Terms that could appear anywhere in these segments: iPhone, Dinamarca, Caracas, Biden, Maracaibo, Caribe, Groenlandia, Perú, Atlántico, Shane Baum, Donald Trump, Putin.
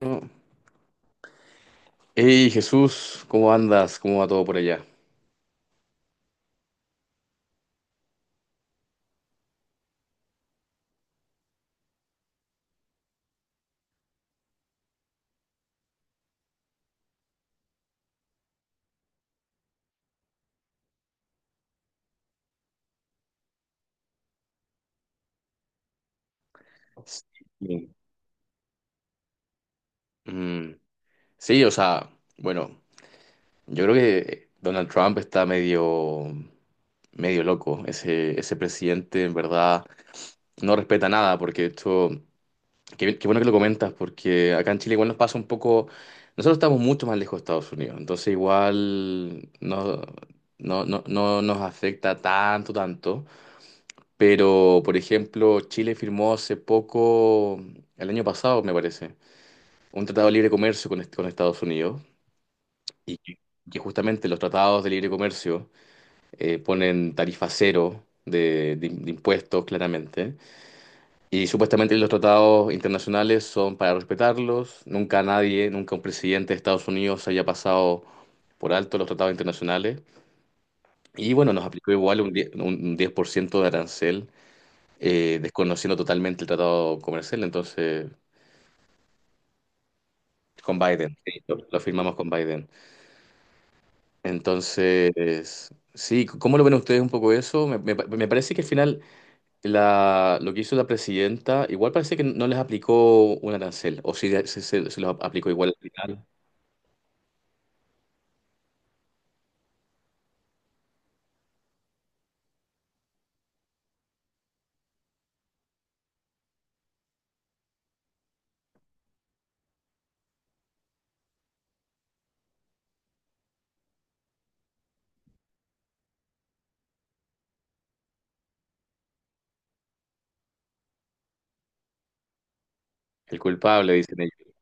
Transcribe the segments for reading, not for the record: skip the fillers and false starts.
No. Hey Jesús, ¿cómo andas? ¿Cómo va todo por allá? Sí. Mm, sí, o sea, bueno. Yo creo que Donald Trump está medio loco. Ese presidente en verdad no respeta nada, porque qué bueno que lo comentas, porque acá en Chile igual nos pasa un poco. Nosotros estamos mucho más lejos de Estados Unidos, entonces igual no nos afecta tanto, tanto. Pero, por ejemplo, Chile firmó hace poco, el año pasado me parece, un tratado de libre comercio con Estados Unidos, y que justamente los tratados de libre comercio ponen tarifa cero de impuestos, claramente. Y supuestamente los tratados internacionales son para respetarlos. Nunca nadie, nunca un presidente de Estados Unidos haya pasado por alto los tratados internacionales. Y bueno, nos aplicó igual un 10, un 10% de arancel, desconociendo totalmente el tratado comercial. Entonces, con Biden, sí, lo firmamos con Biden. Entonces, sí, ¿cómo lo ven ustedes un poco eso? Me parece que al final lo que hizo la presidenta, igual parece que no les aplicó un arancel, o sí se los aplicó igual al final. El culpable, dicen ellos.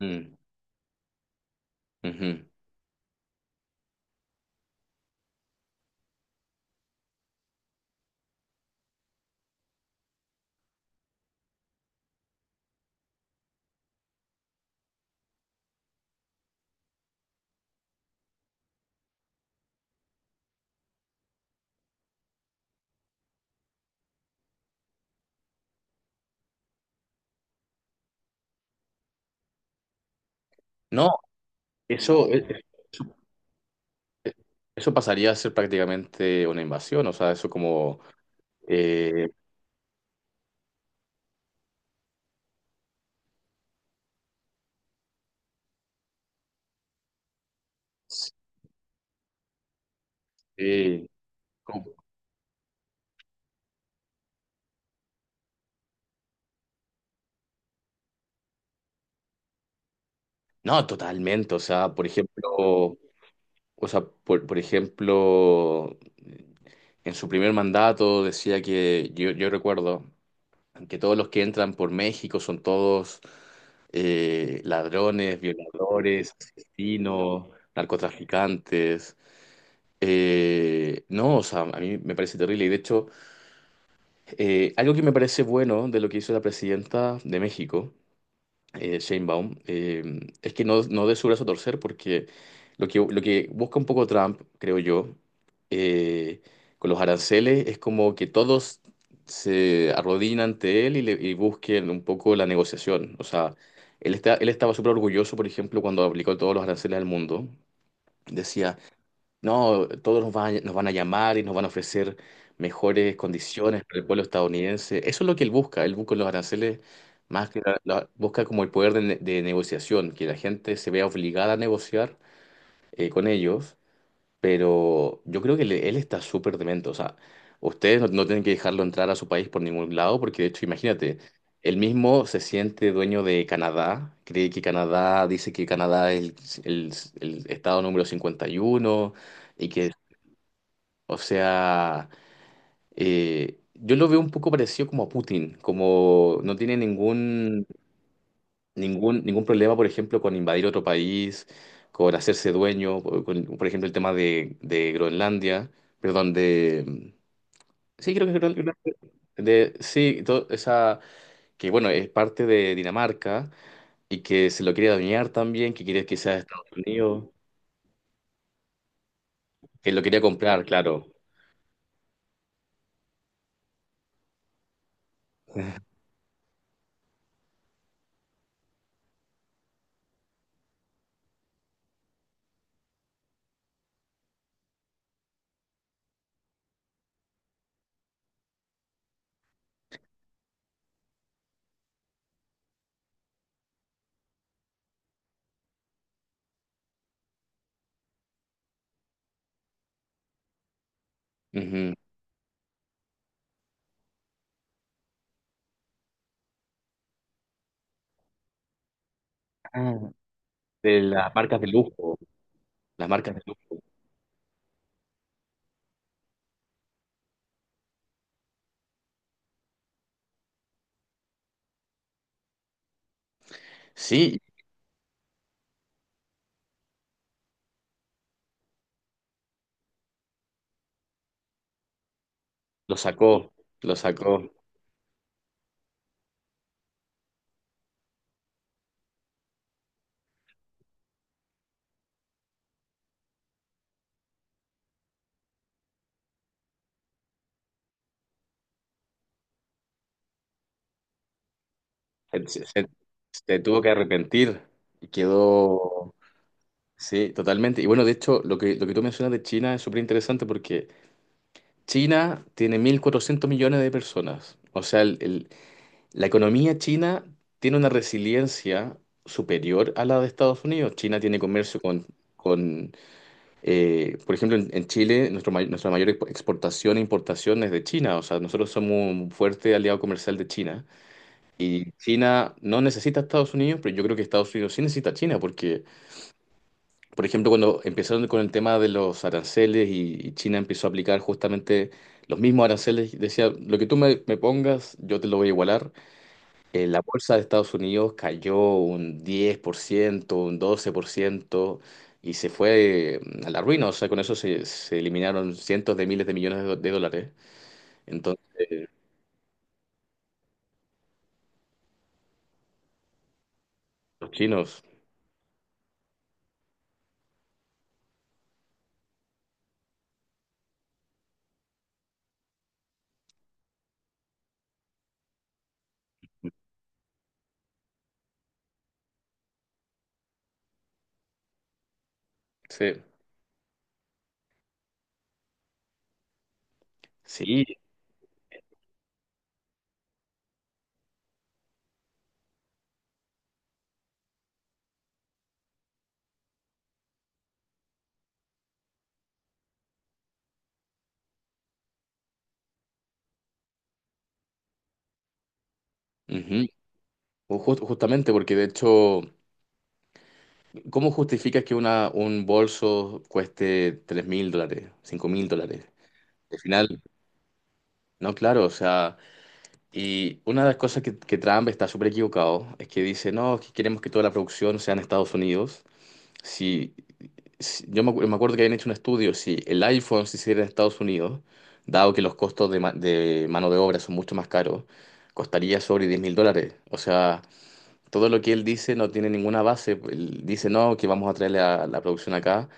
Mm, ujú. No, eso, eh, eso pasaría a ser prácticamente una invasión, o sea, eso como. eh, sí, como- no, totalmente, o sea, por ejemplo. O sea, por ejemplo, en su primer mandato decía que yo recuerdo que todos los que entran por México son todos ladrones, violadores, asesinos, narcotraficantes. No, o sea, a mí me parece terrible. Y de hecho, algo que me parece bueno de lo que hizo la presidenta de México Shane Baum, es que no dé su brazo a torcer porque lo que busca un poco Trump, creo yo, eh, con los aranceles es como que todos se arrodillen ante él y busquen un poco la negociación. O sea, él estaba súper orgulloso, por ejemplo, cuando aplicó todos los aranceles al mundo. Decía, no, todos nos van, nos van a llamar y nos van a ofrecer mejores condiciones para el pueblo estadounidense. Eso es lo que él busca. Él busca los aranceles más que busca como el poder de negociación, que la gente se vea obligada a negociar con ellos. Pero yo creo que él está súper demente. O sea, ustedes no tienen que dejarlo entrar a su país por ningún lado, porque de hecho, imagínate, él mismo se siente dueño de Canadá, dice que Canadá es el estado número 51. Y que, o sea, yo lo veo un poco parecido como a Putin, como no tiene ningún problema, por ejemplo, con invadir otro país, con hacerse dueño, con, por ejemplo, el tema de Groenlandia, perdón, de. Sí, creo que es Groenlandia. Sí, esa, que bueno, es parte de Dinamarca y que se lo quiere dañar también, que quiere que sea de Estados Unidos, que lo quería comprar, claro. Ujú. Ah, de las marcas de lujo, las marcas de lujo. Sí, lo sacó, lo sacó. Se, se- se- se tuvo que arrepentir y quedó, sí, totalmente. Y bueno, de hecho, lo que tú mencionas de China es súper interesante porque China tiene 1.400 millones de personas. O sea, la economía china tiene una resiliencia superior a la de Estados Unidos. China tiene comercio con por ejemplo, en Chile, nuestra mayor exportación e importación es de China. O sea, nosotros somos un fuerte aliado comercial de China. Y China no necesita a Estados Unidos, pero yo creo que Estados Unidos sí necesita a China, porque, por ejemplo, cuando empezaron con el tema de los aranceles y China empezó a aplicar justamente los mismos aranceles, decía, lo que tú me pongas, yo te lo voy a igualar. La bolsa de Estados Unidos cayó un 10%, un 12% y se fue a la ruina. O sea, con eso se eliminaron cientos de miles de millones de dólares. Entonces, los chinos, sí, sí. Ujú. Justamente. Porque de hecho, ¿cómo justificas que un bolso cueste 3.000 dólares, 5.000 dólares? Al final, no, claro, o sea, y una de las cosas que Trump está súper equivocado es que dice, no, es que queremos que toda la producción sea en Estados Unidos. Si, yo me acuerdo que habían hecho un estudio, si el iPhone se hiciera en Estados Unidos, dado que los costos de mano de obra son mucho más caros, costaría sobre 10.000 dólares. O sea, todo lo que él dice no tiene ninguna base. Pues, él dice, no, que vamos a traer la producción acá.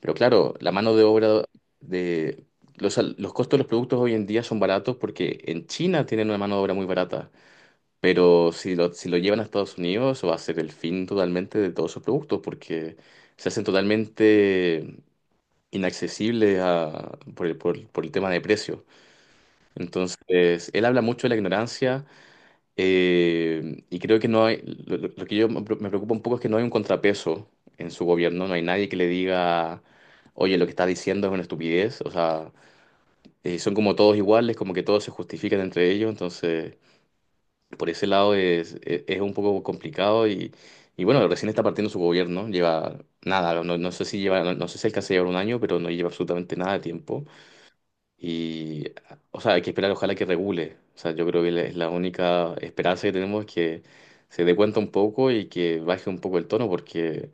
Pero claro, la mano de obra de. Los costos de los productos hoy en día son baratos porque en China tienen una mano de obra muy barata. Pero si lo llevan a Estados Unidos, eso va a ser el fin totalmente de todos sus productos porque se hacen totalmente inaccesibles por el tema de precio. Entonces, él habla mucho de la ignorancia y creo que no hay, lo que yo me preocupa un poco es que no hay un contrapeso en su gobierno, no hay nadie que le diga, oye, lo que está diciendo es una estupidez, o sea, son como todos iguales, como que todos se justifican entre ellos, entonces por ese lado es un poco complicado, y bueno, recién está partiendo su gobierno, lleva nada, no sé si lleva, no sé si alcanza a llevar un año, pero no lleva absolutamente nada de tiempo. Y, o sea, hay que esperar, ojalá que regule. O sea, yo creo que es la única esperanza que tenemos, que se dé cuenta un poco y que baje un poco el tono, porque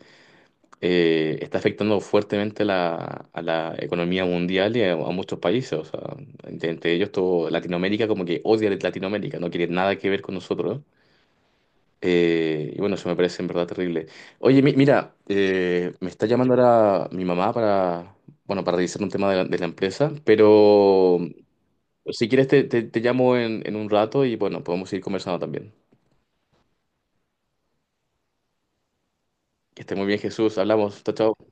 está afectando fuertemente a la economía mundial y a muchos países. O sea, entre ellos, todo Latinoamérica, como que odia a Latinoamérica, no quiere nada que ver con nosotros. Y bueno, eso me parece en verdad terrible. Oye, mira, me está llamando ahora mi mamá para, bueno, para revisar un tema de la empresa, pero. Si quieres, te llamo en un rato y bueno, podemos ir conversando también. Que esté muy bien, Jesús. Hablamos. Chao, chao.